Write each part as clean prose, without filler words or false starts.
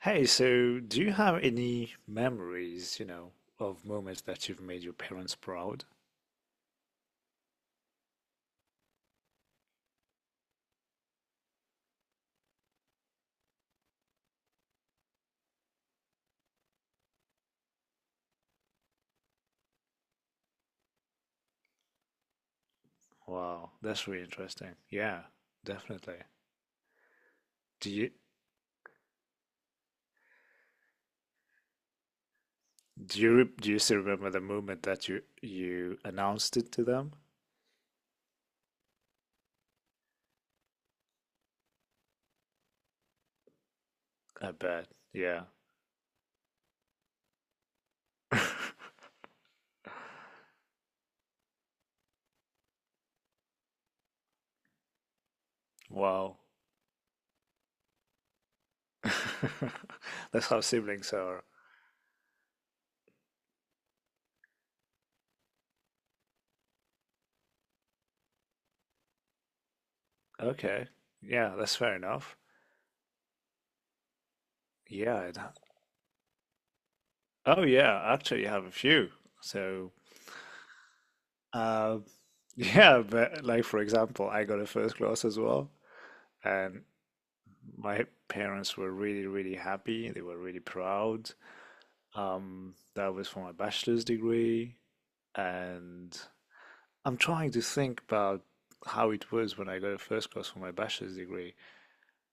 Hey, so do you have any memories, you know, of moments that you've made your parents proud? Wow, that's really interesting. Yeah, definitely. Do you do you still remember the moment that you announced it to them? I bet. Yeah. Wow. That's how siblings are. Okay. Yeah, that's fair enough. Yeah. Oh, yeah. Actually, I have a few. So, um, yeah, but like for example, I got a first class as well. And my parents were really happy. They were really proud. That was for my bachelor's degree. And I'm trying to think about how it was when I got a first class for my bachelor's degree.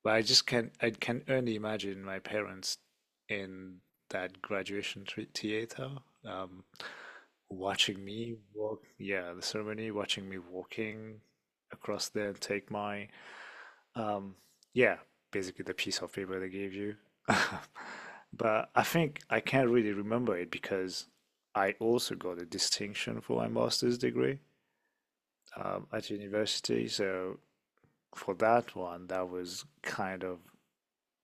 But I just can I can only imagine my parents in that graduation theater, um, watching me walk yeah, the ceremony, watching me walking across there and take my Um, yeah, basically the piece of paper they gave you. But I think I can't really remember it because I also got a distinction for my master's degree, at university. So for that one, that was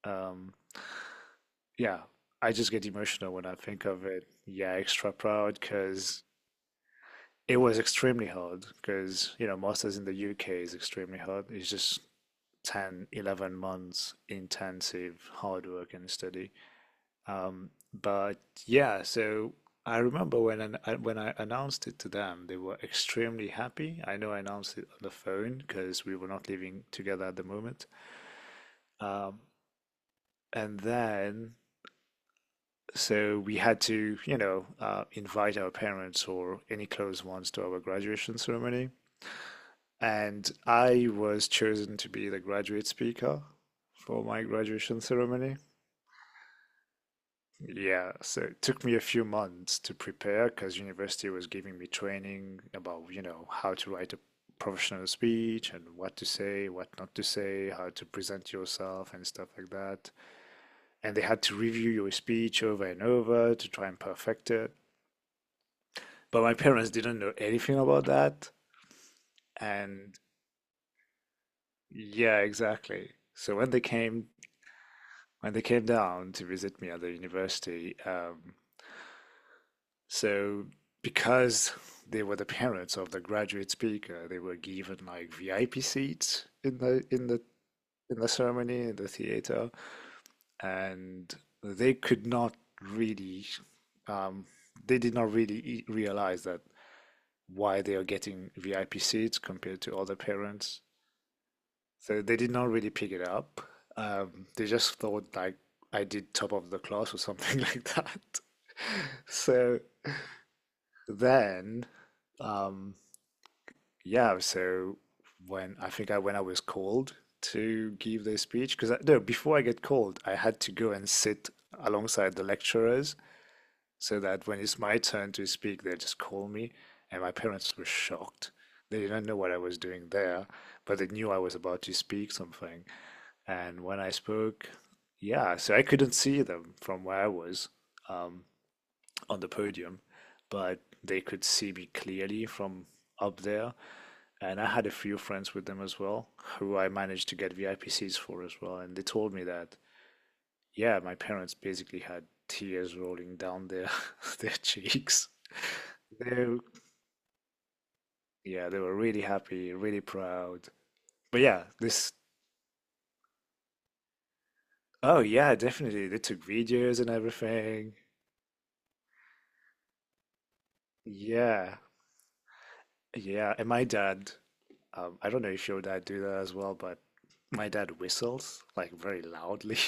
um, yeah, I just get emotional when I think of it. Yeah, extra proud because it was extremely hard because, you know, master's in the UK is extremely hard. It's just 10, 11 months intensive hard work and study. Um, but yeah, so I, when I announced it to them, they were extremely happy. I know I announced it on the phone because we were not living together at the moment. Um, and then, so we had to, you know, invite our parents or any close ones to our graduation ceremony. And I was chosen to be the graduate speaker for my graduation ceremony. Yeah, so it took me a few months to prepare because university was giving me training about, you know, how to write a professional speech and what to say, what not to say, how to present yourself and stuff like that. And they had to review your speech over and over to try and perfect it. But my parents didn't know anything about that. And yeah, exactly. So when they came down to visit me at the university. Um, So because they were the parents of the graduate speaker, they were given like VIP seats in the ceremony in the theater, and they could not really um, they did not really e- realize that why they are getting VIP seats compared to other parents. So they did not really pick it up. They just thought like I did top of the class or something like that. So then um, Yeah, so when I was called to give the speech, because I, no, before I get called, I had to go and sit alongside the lecturers so that when it's my turn to speak, they just call me. And my parents were shocked. They didn't know what I was doing there, but they knew I was about to speak something. And when I spoke, yeah, so I couldn't see them from where I was, um, on the podium, but they could see me clearly from up there. And I had a few friends with them as well, who I managed to get VIP seats for as well, and they told me that yeah, my parents basically had tears rolling down their their cheeks. They Yeah, they were really happy, really proud. But yeah, this Oh yeah, definitely they took videos and everything. Yeah, yeah, and my dad, I don't know if your dad do that as well, but my dad whistles like very loudly.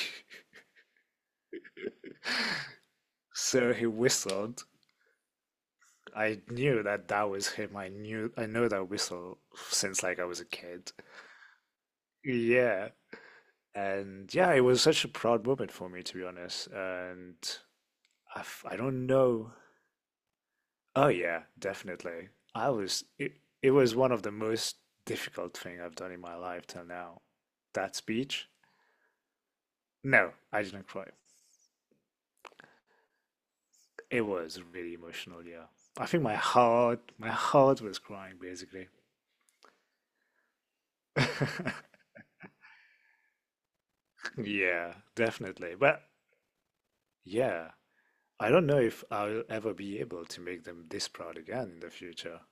So he whistled I knew that that was him. I know that whistle since like I was a kid. Yeah, and yeah, it was such a proud moment for me, to be honest. And I don't know. Oh yeah, definitely. It was one of the most difficult thing I've done in my life till now. That speech? No, I didn't cry. It was really emotional, yeah. I think my heart was crying basically. Yeah, definitely. But yeah, I don't know if I'll ever be able to make them this proud again in the future.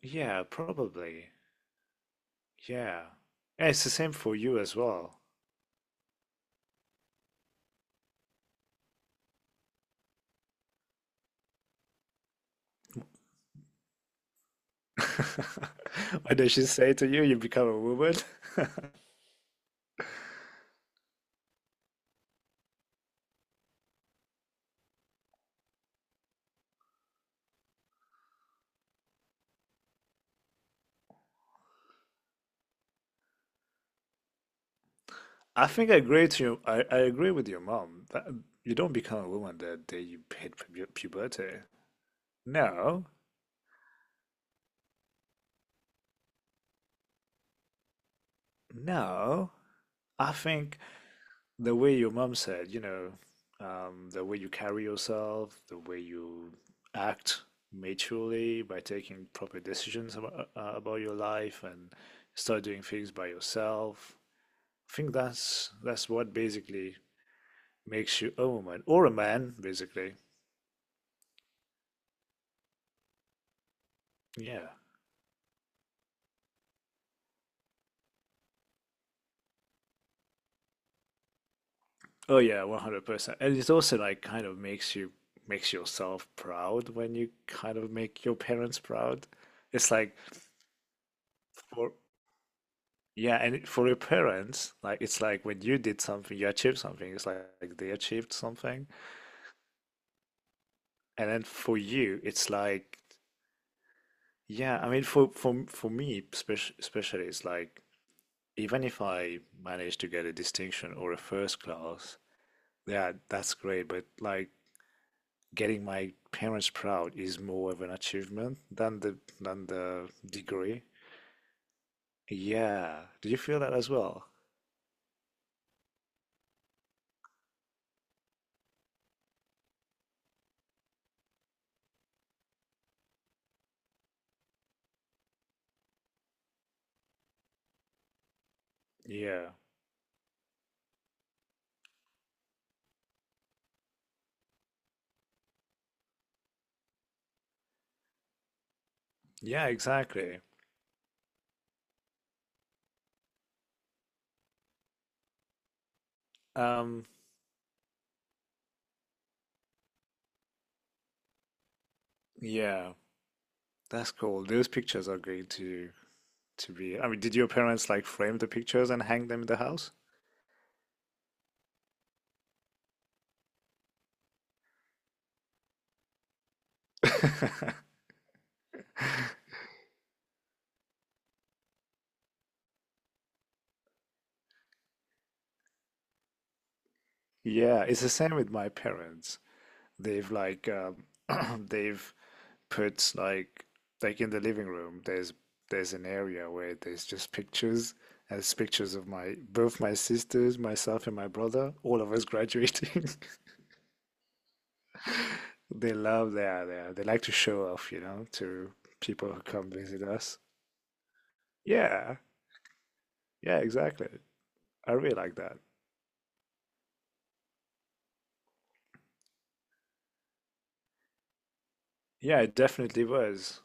Yeah, probably. Yeah. Yeah, it's the same for you as well. What does she say to you? You become a woman? I think I agree to you. I agree with your mom. That you don't become a woman the day you hit pu puberty. No, no. I think the way your mom said, you know, the way you carry yourself, the way you act maturely by taking proper decisions about your life and start doing things by yourself. I think that's what basically makes you a woman or a man, basically. Yeah. Oh yeah, 100%. And it also like kind of makes you makes yourself proud when you kind of make your parents proud. It's like for Yeah, for your parents, like it's like when you did something, you achieved something. It's like they achieved something, and then for you, it's like, yeah. I mean, for me, especially, it's like even if I manage to get a distinction or a first class, yeah, that's great. But like getting my parents proud is more of an achievement than the degree. Yeah. Do you feel that as well? Yeah. Yeah, exactly. Um, yeah. That's cool. Those pictures are going to be. I mean, did your parents like frame the pictures and hang them in the house? Yeah, it's the same with my parents. They've like they've put like in the living room. There's an area where there's just pictures. And it's pictures of my both my sisters, myself, and my brother. All of us graduating. They love that. They like to show off, you know, to people who come visit us. Yeah, yeah, exactly. I really like that. Yeah, it definitely was.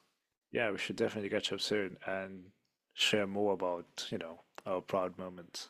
Yeah, we should definitely catch up soon and share more about, you know, our proud moments.